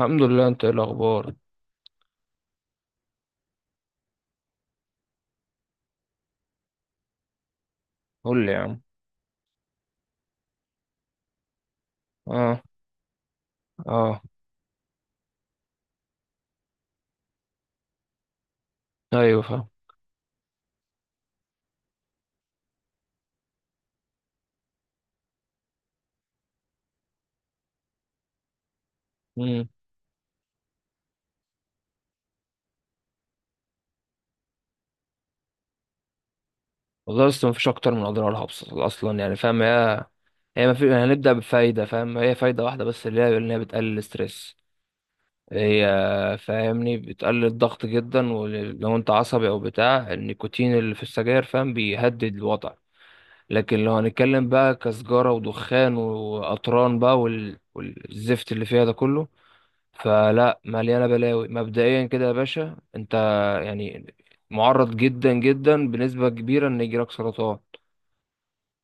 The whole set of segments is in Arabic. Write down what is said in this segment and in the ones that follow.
الحمد لله، انت ايه الاخبار؟ قول لي يا عم. اه. اه. ايوه، فاهم. امم. والله لسه مفيش اكتر من اضرارها، اصلا يعني فاهم هي، ما في، هنبدا بفايده، فاهم، هي فايده واحده بس اللي هي ان هي بتقلل الستريس. هي فاهمني بتقلل الضغط جدا، ولو انت عصبي او بتاع النيكوتين اللي في السجاير فاهم بيهدد الوضع. لكن لو هنتكلم بقى كسجارة ودخان وقطران بقى والزفت اللي فيها ده كله، فلا، مليانه بلاوي مبدئيا كده يا باشا انت. يعني معرض جدا جدا بنسبه كبيره ان يجيلك سرطان،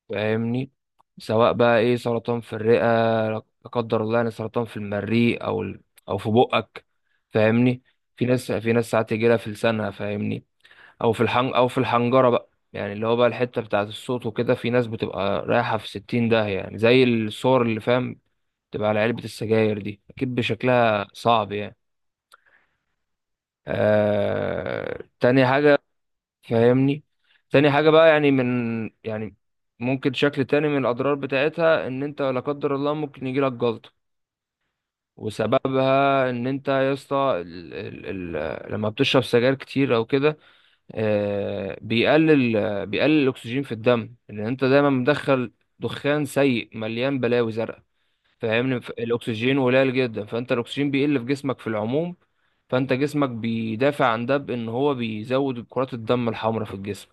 فاهمني، سواء بقى ايه سرطان في الرئه، لا قدر الله، يعني سرطان في المريء او في بقك، فاهمني. في ناس ساعات يجيلها في لسانها، فاهمني. او في الحن او في الحنجره بقى، يعني اللي هو بقى الحته بتاعه الصوت وكده. في ناس بتبقى رايحه في 60 داهيه، يعني زي الصور اللي فاهم تبقى على علبه السجاير دي اكيد، بشكلها صعب يعني. تاني حاجة، فاهمني. تاني حاجة بقى، يعني من، يعني ممكن شكل تاني من الأضرار بتاعتها، إن أنت لا قدر الله ممكن يجيلك جلطة. وسببها إن أنت يا اسطى، لما بتشرب سجاير كتير أو كده، آه... بيقلل بيقلل الأكسجين في الدم، إن أنت دايما مدخل دخان سيء مليان بلاوي زرقاء، فاهمني. الأكسجين قليل جدا، فأنت الأكسجين بيقل في جسمك في العموم، فانت جسمك بيدافع عن ده بان هو بيزود كرات الدم الحمراء في الجسم.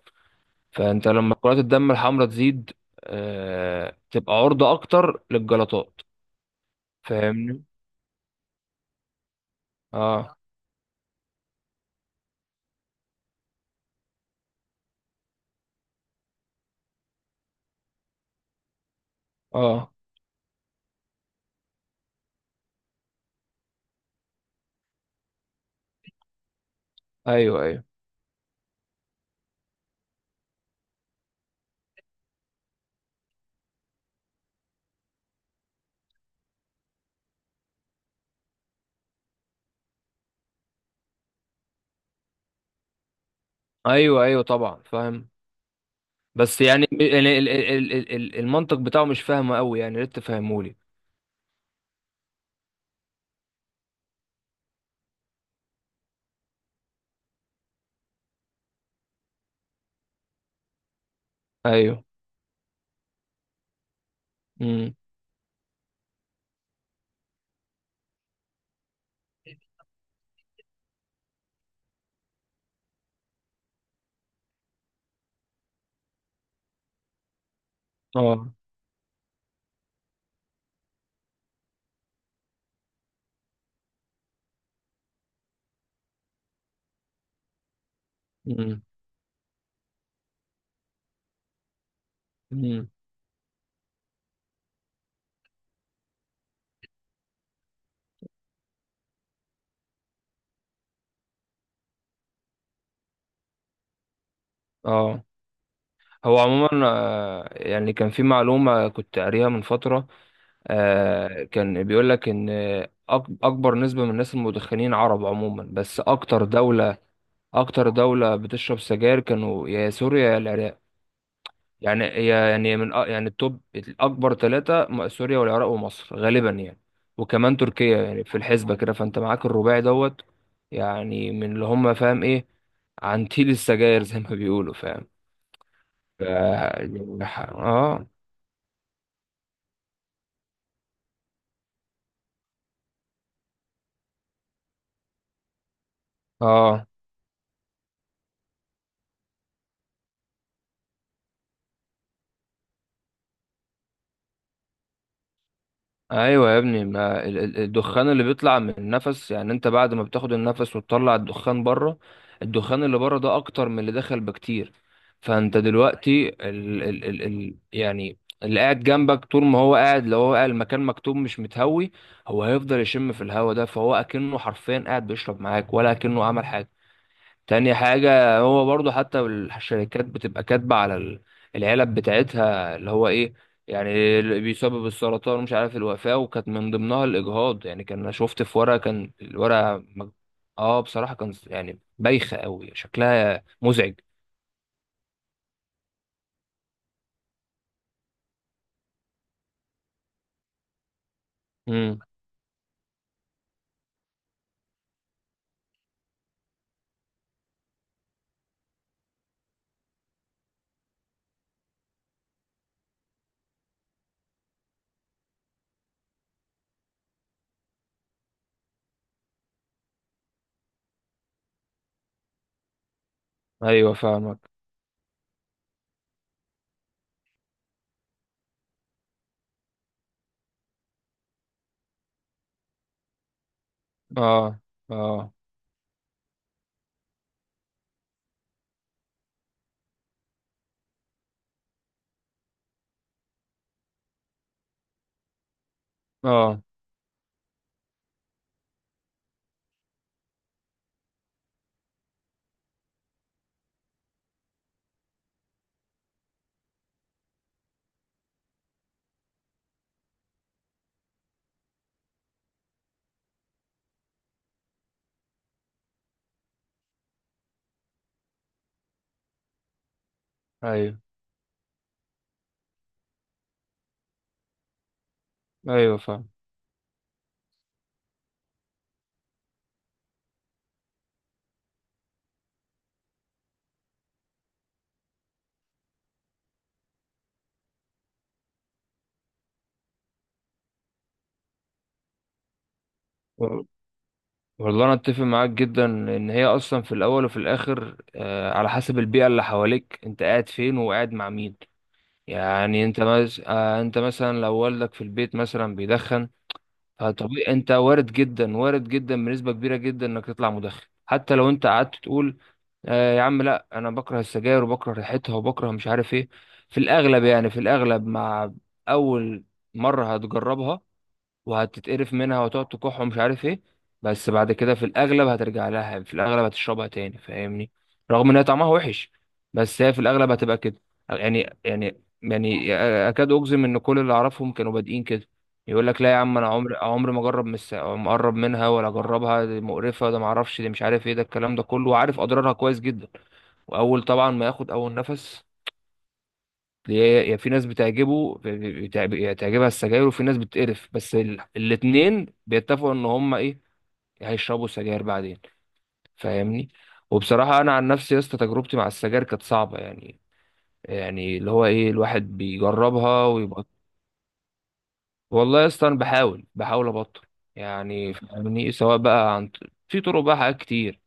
فانت لما كرات الدم الحمراء تزيد تبقى عرضة اكتر للجلطات. فاهمني. اه. اه. ايوه، ايوه، ايوه، ايوه، طبعا، فاهم. بس يعني المنطق بتاعه مش فاهمه قوي، يعني يا ريت تفهمهولي. ايوه. امم. اه. امم. امم. اه. هو عموما يعني كان في معلومه كنت قاريها من فتره، كان بيقول لك ان اكبر نسبة من الناس المدخنين عرب عموما، بس اكتر دولة بتشرب سجاير كانوا يا سوريا يا العراق. يعني يعني يعني التوب الاكبر ثلاثة سوريا والعراق ومصر غالبا، يعني، وكمان تركيا، يعني في الحسبة كده فانت معاك الرباعي دوت. يعني من اللي هم فاهم ايه عن تيل السجاير زي ما بيقولوا، فاهم. اه. اه. ايوه يا ابني، ما الدخان اللي بيطلع من النفس، يعني انت بعد ما بتاخد النفس وتطلع الدخان بره، الدخان اللي بره ده اكتر من اللي دخل بكتير. فانت دلوقتي ال ال ال ال يعني، اللي قاعد جنبك طول ما هو قاعد، لو هو قاعد المكان مكتوم مش متهوي، هو هيفضل يشم في الهوا ده، فهو اكنه حرفيا قاعد بيشرب معاك ولا اكنه عمل حاجه. تاني حاجة هو برضو، حتى الشركات بتبقى كاتبة على العلب بتاعتها اللي هو ايه، يعني اللي بيسبب السرطان ومش عارف الوفاة، وكانت من ضمنها الإجهاض. يعني كان أنا شفت في ورقة، كان الورقة اه، بصراحة كان يعني بايخة قوي، شكلها مزعج. امم. ايوه، فاهمك. اه. اه. اه. ايوه. ايوه، فاهم. و- والله انا اتفق معاك جدا ان هي اصلا في الاول وفي الاخر آه، على حسب البيئة اللي حواليك، انت قاعد فين وقاعد مع مين. يعني انت انت مثلا لو والدك في البيت مثلا بيدخن، فطبيعي انت وارد جدا، وارد جدا بنسبة كبيرة جدا انك تطلع مدخن. حتى لو انت قعدت تقول آه يا عم لا، انا بكره السجاير وبكره ريحتها وبكره مش عارف ايه، في الاغلب، يعني في الاغلب مع اول مرة هتجربها وهتتقرف منها وتقعد تكح ومش عارف ايه، بس بعد كده في الاغلب هترجع لها، في الاغلب هتشربها تاني، فاهمني. رغم ان هي طعمها وحش بس هي في الاغلب هتبقى كده. يعني اكاد اجزم ان كل اللي اعرفهم كانوا بادئين كده. يقول لك لا يا عم، انا عمري، ما اجرب، مقرب منها ولا اجربها، دي مقرفه، ده ما اعرفش، دي مش عارف ايه، ده الكلام ده كله، وعارف اضرارها كويس جدا. واول طبعا ما ياخد اول نفس، يا في ناس بتعجبه يعني تعجبها السجاير، وفي ناس بتقرف، بس الاتنين بيتفقوا ان هم ايه، هيشربوا سجاير بعدين، فاهمني. وبصراحة انا عن نفسي يا اسطى تجربتي مع السجاير كانت صعبة، يعني، يعني اللي هو ايه، الواحد بيجربها ويبقى. والله يا اسطى انا بحاول، ابطل، يعني فاهمني، سواء بقى عن، في طرق بقى، حاجات كتير.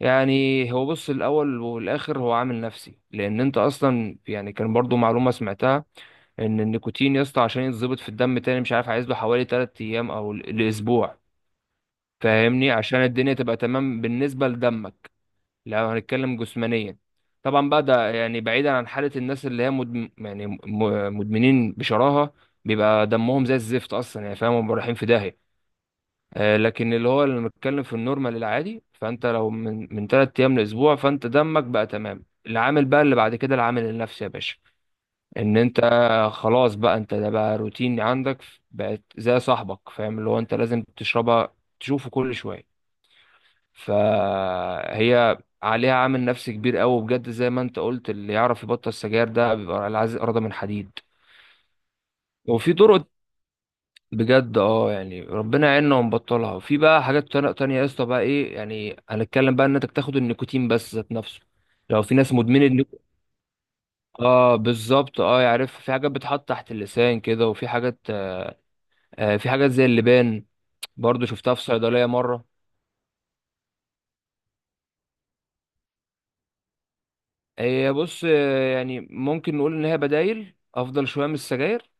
يعني هو بص، الاول والاخر هو عامل نفسي، لان انت اصلا يعني كان برضو معلومة سمعتها ان النيكوتين يا اسطى عشان يتظبط في الدم تاني، مش عارف عايز له حوالي 3 ايام او لاسبوع، فاهمني، عشان الدنيا تبقى تمام بالنسبه لدمك لو هنتكلم جسمانيا. طبعا بقى ده يعني بعيدا عن حاله الناس اللي هي يعني مدمنين بشراهه، بيبقى دمهم زي الزفت اصلا يعني فاهم هم رايحين في داهيه. لكن اللي هو اللي بنتكلم في النورمال العادي، فانت لو من 3 ايام لاسبوع فانت دمك بقى تمام، العامل بقى اللي بعد كده العامل النفسي يا باشا، ان انت خلاص بقى، انت ده بقى روتين عندك، بقت زي صاحبك، فاهم، اللي هو انت لازم تشربها، تشوفه كل شويه. فهي عليها عامل نفسي كبير قوي بجد، زي ما انت قلت اللي يعرف يبطل السجاير ده بيبقى العزيز اراده من حديد. وفي طرق، بجد اه، يعني ربنا يعيننا ونبطلها. وفي بقى حاجات تانية يا اسطى بقى ايه، يعني هنتكلم بقى ان انت تاخد النيكوتين بس ذات نفسه لو في ناس مدمنه اه. بالظبط، اه، يعرف في حاجات بتحط تحت اللسان كده وفي حاجات، في حاجات زي اللبان، برضو شفتها في صيدلية مرة. هي بص يعني ممكن نقول إن هي بدايل أفضل شوية من السجاير،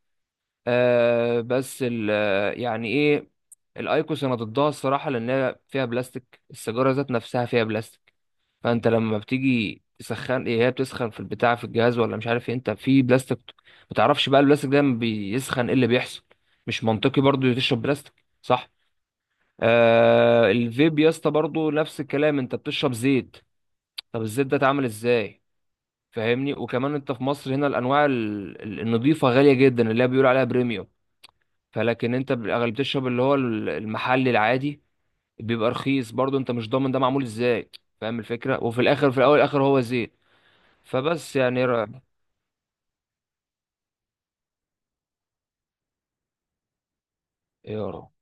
بس يعني إيه، الأيكوس أنا ضدها الصراحة، لأن هي فيها بلاستيك، السيجارة ذات نفسها فيها بلاستيك. فأنت لما بتيجي تسخن إيه هي، بتسخن في البتاع في الجهاز ولا مش عارف إيه، أنت في بلاستيك، ما تعرفش بقى البلاستيك ده لما بيسخن إيه اللي بيحصل، مش منطقي برضو تشرب بلاستيك، صح. الفيب يا اسطى برضه نفس الكلام، انت بتشرب زيت، طب الزيت ده اتعمل ازاي، فاهمني، وكمان انت في مصر هنا الانواع النضيفه غاليه جدا اللي هي بيقول عليها بريميوم، فلكن انت بالاغلب بتشرب اللي هو المحلي العادي، بيبقى رخيص، برضو انت مش ضامن ده معمول ازاي، فاهم الفكره، وفي الاخر، في الاول الاخر هو زيت، فبس يعني يا رب، يا رب.